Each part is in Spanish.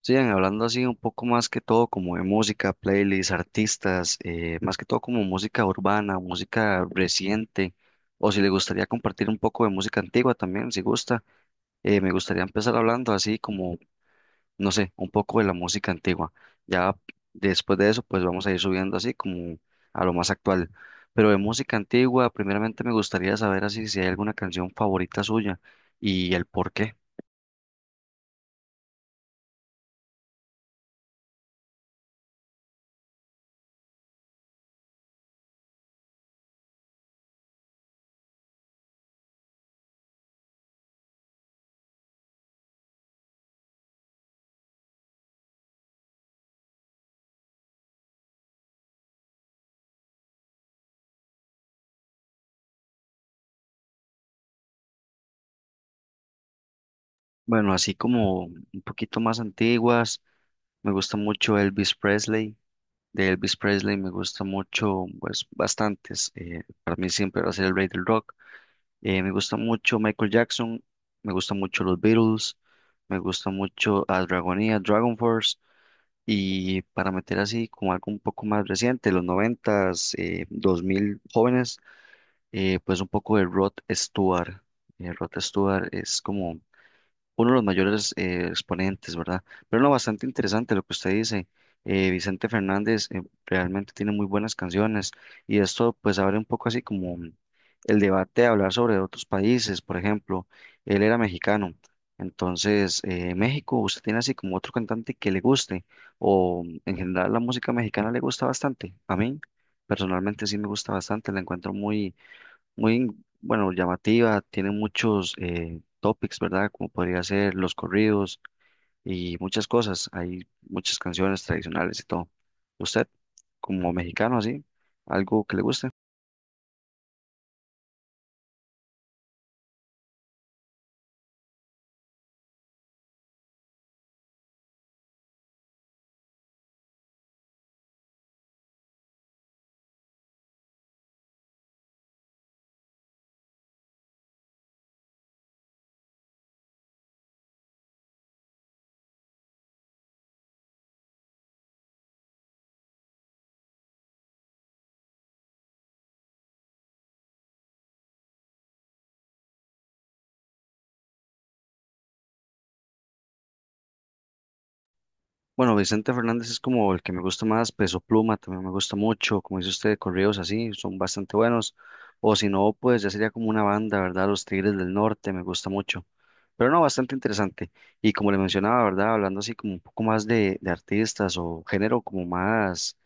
Sigan hablando así un poco más que todo como de música, playlists, artistas, más que todo como música urbana, música reciente, o si le gustaría compartir un poco de música antigua también, si gusta, me gustaría empezar hablando así como, no sé, un poco de la música antigua. Ya después de eso, pues vamos a ir subiendo así como a lo más actual. Pero de música antigua, primeramente me gustaría saber así si hay alguna canción favorita suya y el por qué. Bueno, así como un poquito más antiguas. Me gusta mucho Elvis Presley. De Elvis Presley me gusta mucho, pues bastantes. Para mí siempre va a ser el rey del rock. Me gusta mucho Michael Jackson. Me gusta mucho los Beatles. Me gusta mucho a Dragonia, Dragon Force. Y para meter así como algo un poco más reciente, los noventas, dos mil jóvenes, pues un poco de Rod Stewart. Rod Stewart es como uno de los mayores exponentes, ¿verdad? Pero no, bastante interesante lo que usted dice. Vicente Fernández realmente tiene muy buenas canciones y esto pues abre un poco así como el debate de hablar sobre otros países. Por ejemplo, él era mexicano, entonces México, ¿usted tiene así como otro cantante que le guste o en general la música mexicana le gusta bastante? A mí personalmente sí me gusta bastante, la encuentro muy muy, bueno, llamativa, tiene muchos topics, ¿verdad? Como podría ser los corridos y muchas cosas. Hay muchas canciones tradicionales y todo. ¿Usted, como mexicano, así, algo que le guste? Bueno, Vicente Fernández es como el que me gusta más, Peso Pluma también me gusta mucho, como dice usted, corridos así, son bastante buenos, o si no, pues ya sería como una banda, ¿verdad? Los Tigres del Norte me gusta mucho, pero no, bastante interesante. Y como le mencionaba, ¿verdad? Hablando así como un poco más de artistas o género como más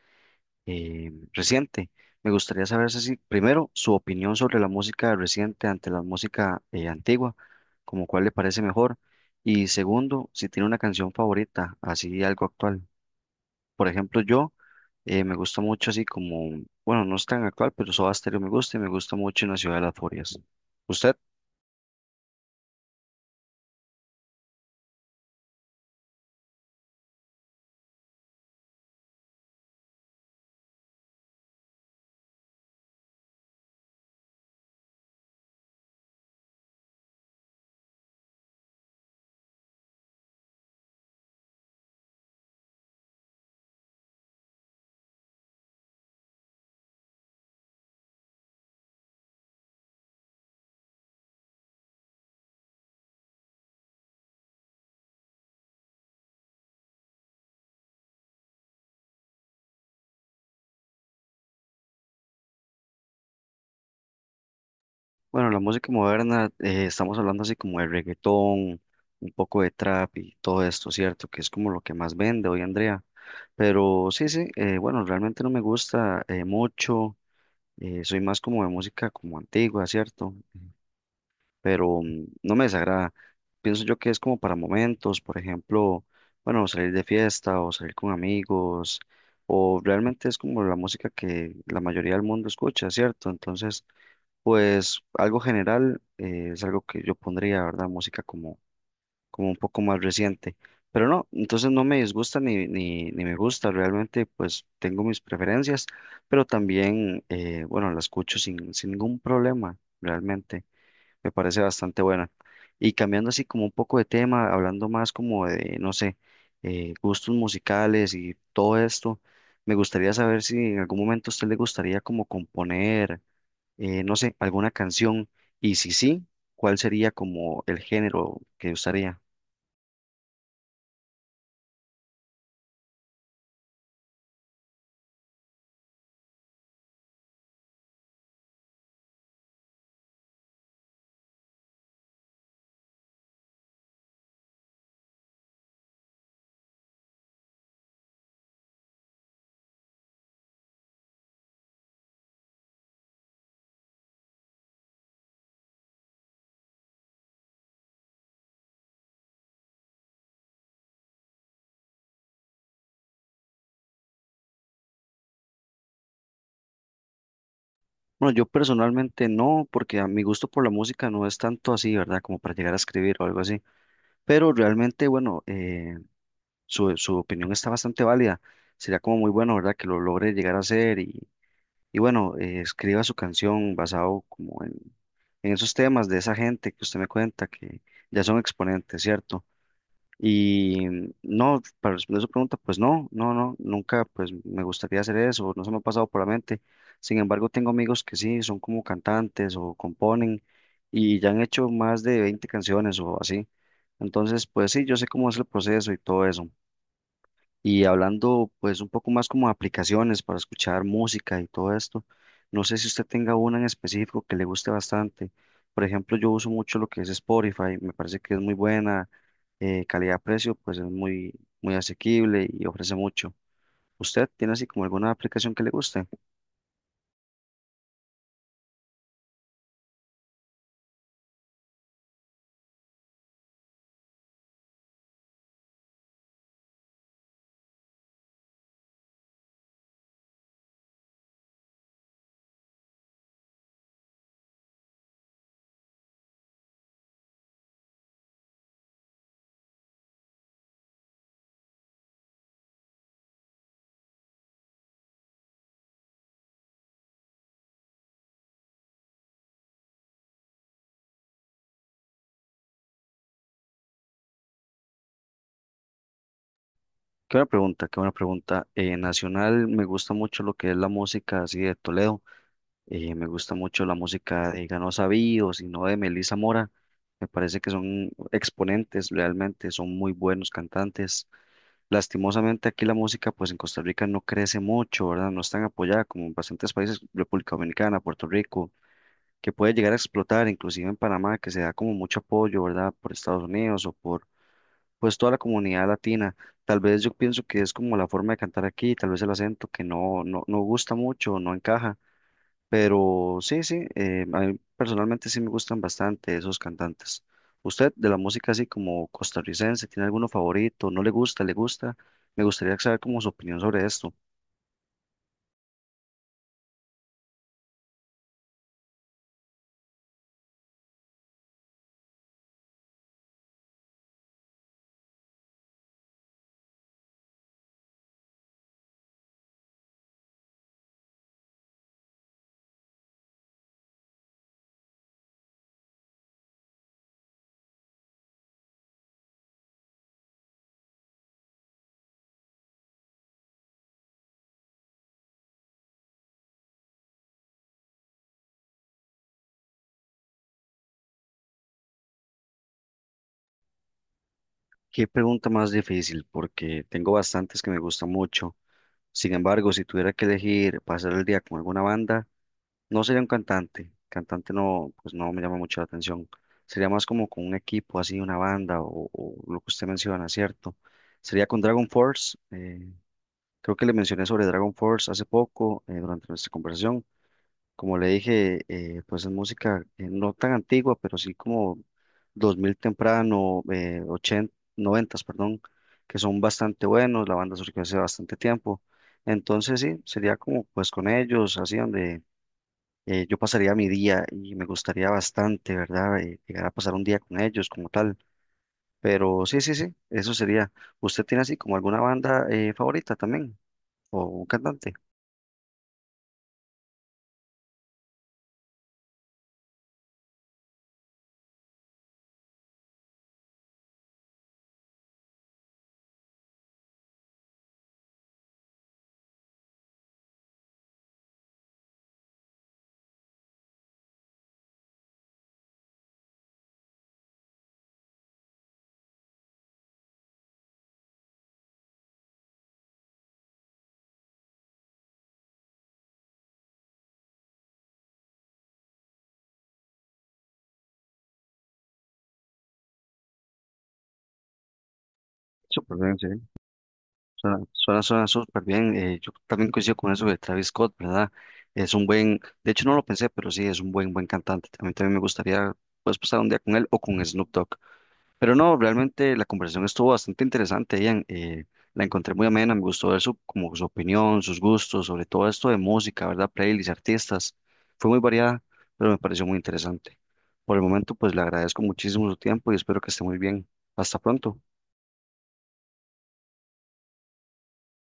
reciente, me gustaría saber si primero su opinión sobre la música reciente ante la música antigua, como cuál le parece mejor, y segundo, si tiene una canción favorita, así algo actual. Por ejemplo, yo me gusta mucho así como, bueno, no es tan actual, pero Soda Stereo me gusta y me gusta mucho En la Ciudad de las Furias. Usted, bueno, la música moderna, estamos hablando así como de reggaetón, un poco de trap y todo esto, ¿cierto? Que es como lo que más vende hoy, Andrea. Pero sí, bueno, realmente no me gusta mucho, soy más como de música como antigua, ¿cierto? Pero no me desagrada. Pienso yo que es como para momentos, por ejemplo, bueno, salir de fiesta o salir con amigos, o realmente es como la música que la mayoría del mundo escucha, ¿cierto? Entonces, pues algo general es algo que yo pondría, ¿verdad? Música como, como un poco más reciente. Pero no, entonces no me disgusta ni me gusta, realmente pues tengo mis preferencias, pero también, bueno, la escucho sin ningún problema, realmente. Me parece bastante buena. Y cambiando así como un poco de tema, hablando más como de, no sé, gustos musicales y todo esto, me gustaría saber si en algún momento a usted le gustaría como componer, no sé, alguna canción y si sí, ¿cuál sería como el género que usaría? Bueno, yo personalmente no, porque a mi gusto por la música no es tanto así, ¿verdad? Como para llegar a escribir o algo así. Pero realmente, bueno, su opinión está bastante válida. Sería como muy bueno, ¿verdad? Que lo logre llegar a hacer y bueno, escriba su canción basado como en esos temas de esa gente que usted me cuenta que ya son exponentes, ¿cierto? Y no, para responder su pregunta, pues no, nunca pues me gustaría hacer eso, no se me ha pasado por la mente. Sin embargo, tengo amigos que sí, son como cantantes o componen y ya han hecho más de 20 canciones o así. Entonces, pues sí, yo sé cómo es el proceso y todo eso. Y hablando pues un poco más como de aplicaciones para escuchar música y todo esto, no sé si usted tenga una en específico que le guste bastante. Por ejemplo, yo uso mucho lo que es Spotify, me parece que es muy buena, calidad-precio pues es muy, muy asequible y ofrece mucho. ¿Usted tiene así como alguna aplicación que le guste? Qué buena pregunta, qué buena pregunta. Nacional me gusta mucho lo que es la música así de Toledo. Me gusta mucho la música de Ganosa Bío, sino de Melissa Mora. Me parece que son exponentes, realmente son muy buenos cantantes. Lastimosamente aquí la música pues en Costa Rica no crece mucho, ¿verdad? No es tan apoyada como en bastantes países, República Dominicana, Puerto Rico, que puede llegar a explotar, inclusive en Panamá, que se da como mucho apoyo, ¿verdad? Por Estados Unidos o por pues toda la comunidad latina. Tal vez yo pienso que es como la forma de cantar aquí, tal vez el acento que no gusta mucho, no encaja pero sí, sí, a mí personalmente sí me gustan bastante esos cantantes. ¿Usted de la música así como costarricense tiene alguno favorito? ¿No le gusta? ¿Le gusta? Me gustaría saber como su opinión sobre esto. Qué pregunta más difícil, porque tengo bastantes que me gustan mucho. Sin embargo, si tuviera que elegir pasar el día con alguna banda, no sería un cantante. Cantante no, pues no me llama mucho la atención. Sería más como con un equipo, así una banda o lo que usted menciona, ¿cierto? Sería con Dragon Force. Creo que le mencioné sobre Dragon Force hace poco, durante nuestra conversación. Como le dije, pues es música no tan antigua, pero sí como 2000 temprano, 80, 90, perdón, que son bastante buenos. La banda surgió hace bastante tiempo. Entonces sí, sería como pues con ellos, así donde yo pasaría mi día y me gustaría bastante, ¿verdad? Llegar a pasar un día con ellos como tal. Pero sí, eso sería. ¿Usted tiene así como alguna banda favorita también o un cantante? Súper bien, sí. Suena súper bien. Yo también coincido con eso de Travis Scott, ¿verdad? Es un de hecho no lo pensé, pero sí, es un buen cantante. A mí también me gustaría, pues, pasar un día con él o con Snoop Dogg. Pero no, realmente la conversación estuvo bastante interesante, Ian. La encontré muy amena, me gustó ver su, como su opinión, sus gustos, sobre todo esto de música, ¿verdad? Playlists, artistas. Fue muy variada, pero me pareció muy interesante. Por el momento, pues, le agradezco muchísimo su tiempo y espero que esté muy bien. Hasta pronto.